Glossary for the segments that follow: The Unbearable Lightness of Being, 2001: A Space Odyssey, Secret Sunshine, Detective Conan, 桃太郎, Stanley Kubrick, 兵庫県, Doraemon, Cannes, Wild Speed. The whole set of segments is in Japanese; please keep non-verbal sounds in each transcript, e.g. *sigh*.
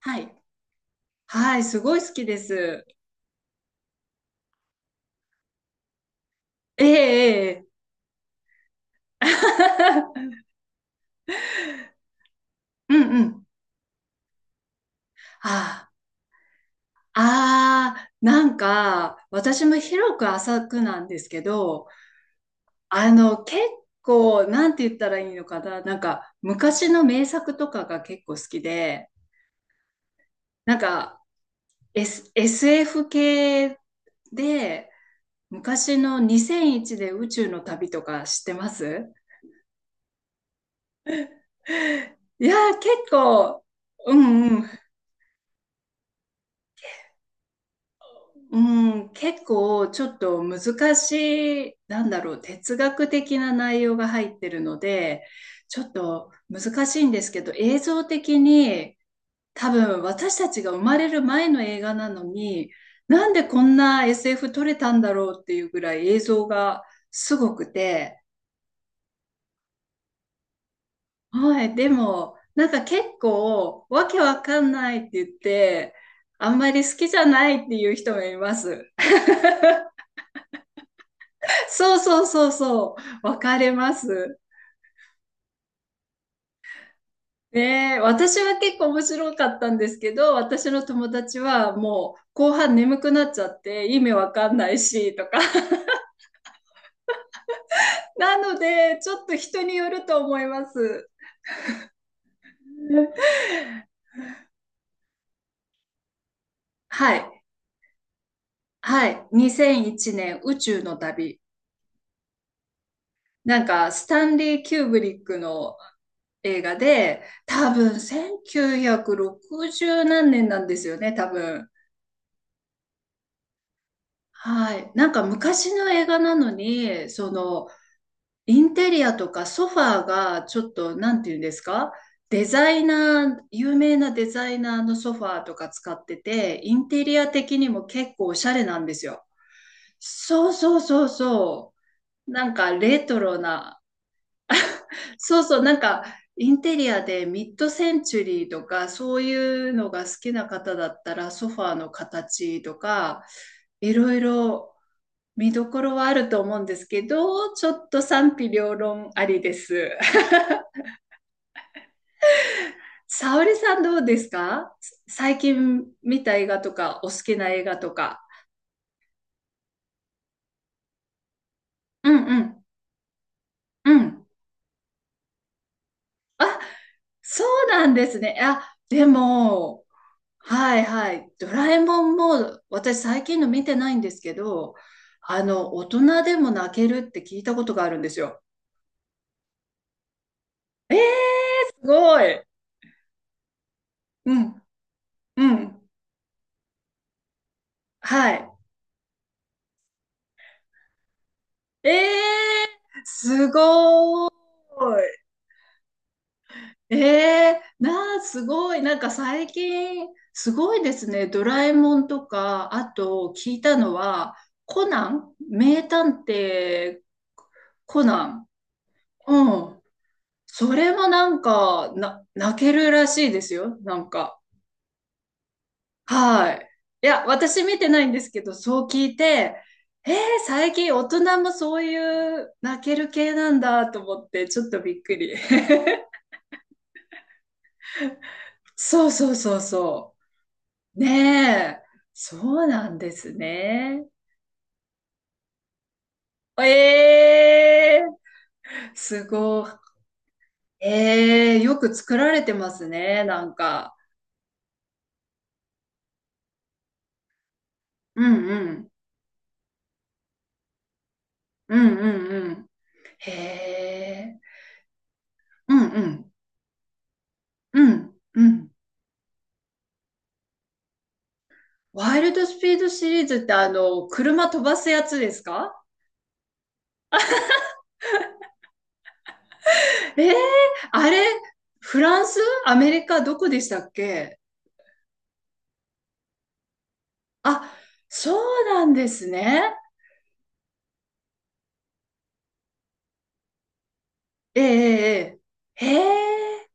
はい。はい、すごい好きです。ええ、ええ。*laughs* うんうん。ああ、ああ、なんか、私も広く浅くなんですけど、結構、なんて言ったらいいのかな、なんか、昔の名作とかが結構好きで、なんか、SF 系で、昔の2001で宇宙の旅とか知ってます？ *laughs* いやー、結構、うんうん、うん、結構ちょっと難しい、なんだろう、哲学的な内容が入ってるので、ちょっと難しいんですけど、映像的に多分私たちが生まれる前の映画なのに、なんでこんな SF 撮れたんだろうっていうぐらい映像がすごくて、はい、でもなんか結構わけわかんないって言って、あんまり好きじゃないっていう人もいます。そうそうそうそう。分かれます。ねえ、私は結構面白かったんですけど、私の友達はもう後半眠くなっちゃって意味わかんないしとか。*laughs* なので、ちょっと人によると思います。はい。はい。2001年宇宙の旅。なんか、スタンリー・キューブリックの映画で、多分1960何年なんですよね、多分。はい。なんか昔の映画なのに、インテリアとかソファーがちょっと、なんていうんですか？デザイナー、有名なデザイナーのソファーとか使ってて、インテリア的にも結構おしゃれなんですよ。そうそうそうそう。なんかレトロな。そうそう、なんかインテリアでミッドセンチュリーとかそういうのが好きな方だったらソファーの形とかいろいろ見どころはあると思うんですけど、ちょっと賛否両論ありです。沙織さんどうですか？最近見た映画とか、お好きな映画とか。うんうん、うん。あ、そうなんですね。あ、でも、はいはい。ドラえもんも、私最近の見てないんですけど、大人でも泣けるって聞いたことがあるんですよ。えー、すごい。うん、うん。はい。えー、すごい。ええなあ、すごい。なんか最近、すごいですね。ドラえもんとか、あと聞いたのは、コナン名探偵コナン。うん。それもなんか、泣けるらしいですよ。なんか。はい。いや、私見てないんですけど、そう聞いて、えー、最近大人もそういう泣ける系なんだと思って、ちょっとびっくり。*laughs* そうそうそうそう。ねえ、そうなんですね。ええーすごい。ええーよく作られてますね、なんか。うんうん、うんうんうん。へえ、うんうん、うん、うん。ワイルドスピードシリーズって車飛ばすやつですか？ええーあれ、フランス、アメリカ、どこでしたっけ？あ、そうなんですね。ええええええへえ。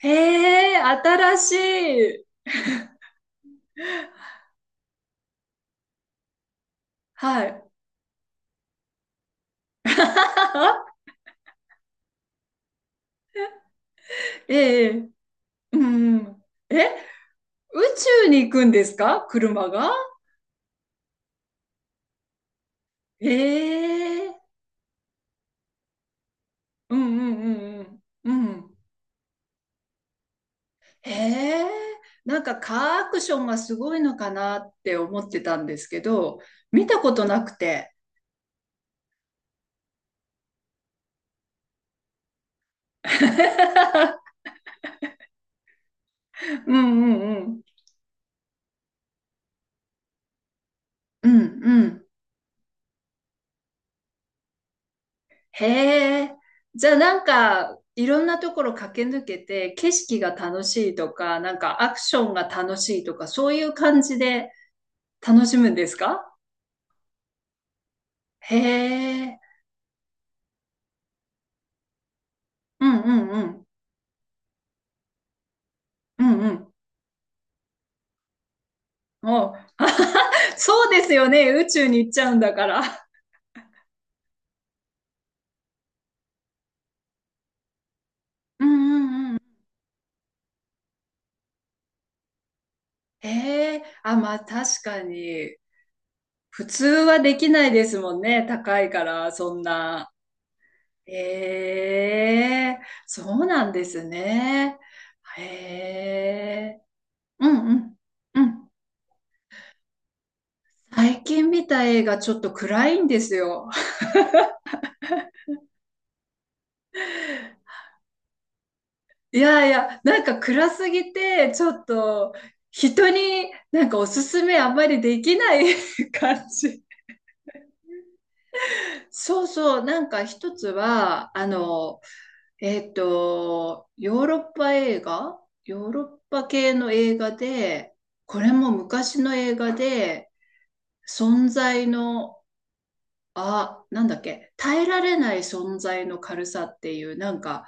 へえ、新しい。はい。*laughs* ええ、うん。え、宇宙に行くんですか、車が？ええ、うんうんうんうん。うん。へえ、なんかカーアクションがすごいのかなって思ってたんですけど、見たことなくて。*laughs* うんうんうん。うんうん。へえ。じゃあなんか、いろんなところ駆け抜けて、景色が楽しいとか、なんかアクションが楽しいとか、そういう感じで楽しむんですか？へえ。うんうんうん。うんうん。もう、*laughs* あははそうですよね。宇宙に行っちゃうんだから。うんうんうん。へえ。あ、まあ確かに。普通はできないですもんね。高いから、そんな。ええ、そうなんですね。へえ、うんうん、うん。最近見た映画ちょっと暗いんですよ。*laughs* いやいや、なんか暗すぎて、ちょっと人になんかおすすめあんまりできない *laughs* 感じ。*laughs* そうそう、なんか一つは、えっと、ヨーロッパ映画ヨーロッパ系の映画で、これも昔の映画で、存在の、あ、なんだっけ、耐えられない存在の軽さっていう、なんか、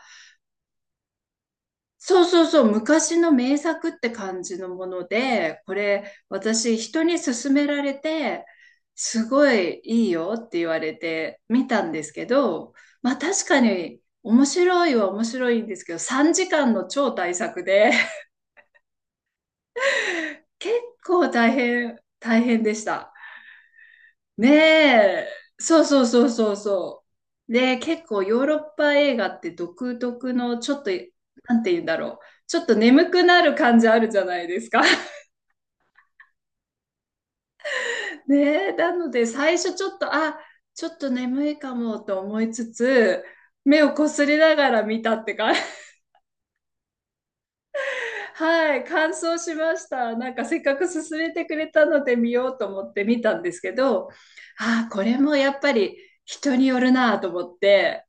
そうそうそう、昔の名作って感じのもので、これ、私、人に勧められて、すごいいいよって言われて見たんですけど、まあ確かに面白いは面白いんですけど、3時間の超大作で、*laughs* 結構大変、大変でした。ねえ、そうそうそうそうそう。で、結構ヨーロッパ映画って独特のちょっと、なんて言うんだろう。ちょっと眠くなる感じあるじゃないですか。*laughs* ねえ、なので最初ちょっと、あ、ちょっと眠いかもと思いつつ、目をこすりながら見たってか、*laughs* はい、感想しました。なんかせっかく勧めてくれたので見ようと思って見たんですけど、ああ、これもやっぱり人によるなと思って、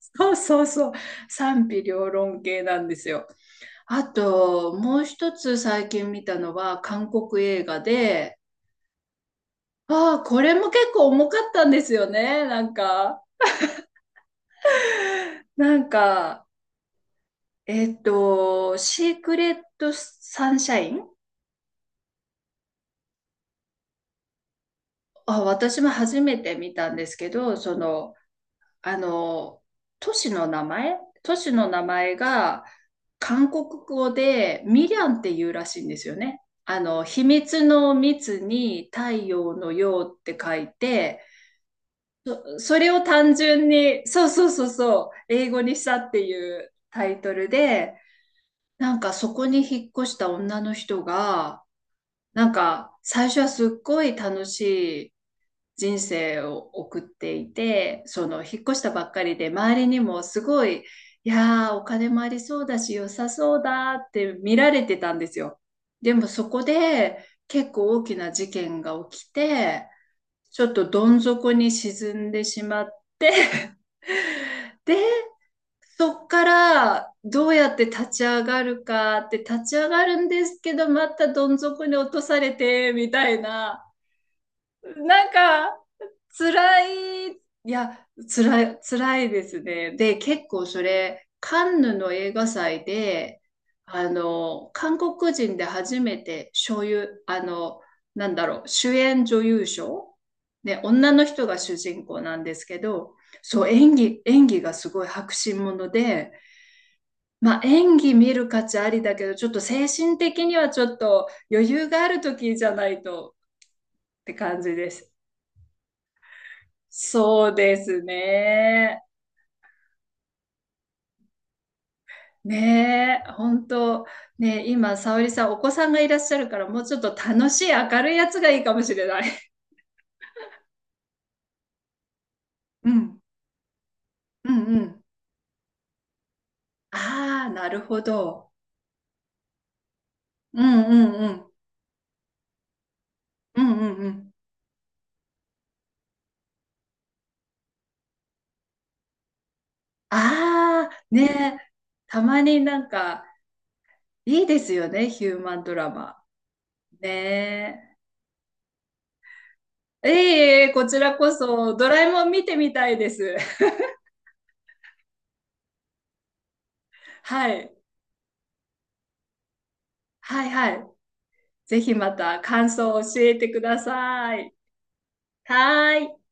そうそうそう。賛否両論系なんですよ。あと、もう一つ最近見たのは韓国映画で、ああ、これも結構重かったんですよね。なんか、なんか、シークレットサンシャイン。あ、私も初めて見たんですけど、あの、都市の名前都市の名前が韓国語でミリャンっていうらしいんですよね。秘密の密に太陽の陽って書いて、それを単純に、そうそうそうそう、英語にしたっていうタイトルで、なんかそこに引っ越した女の人が、なんか最初はすっごい人生を送っていて、その引っ越したばっかりで、周りにもすごい、いやー、お金もありそうだし、良さそうだって見られてたんですよ。でもそこで結構大きな事件が起きて、ちょっとどん底に沈んでしまって *laughs* で、そっからどうやって立ち上がるかって立ち上がるんですけど、またどん底に落とされて、みたいな。なんか、辛い、いや、辛い、辛いですね。で、結構それ、カンヌの映画祭で、韓国人で初めて、所有、あの、なんだろう、主演女優賞。ね、女の人が主人公なんですけど、そう、演技がすごい迫真もので、まあ、演技見る価値ありだけど、ちょっと精神的にはちょっと余裕がある時じゃないとって感じです。そうですね。ねえ、本当、ねえ、今、沙織さん、お子さんがいらっしゃるから、もうちょっと楽しい、明るいやつがいいかもしれない。うん、うんうん。ああ、なるほど。うんうんうん。うんうんうん。ああ、ねえ、たまになんか、いいですよね、ヒューマンドラマ。ねえ。ええ、こちらこそ、ドラえもん見てみたいです。*laughs* はい。はいはい。ぜひまた感想を教えてください。はーい。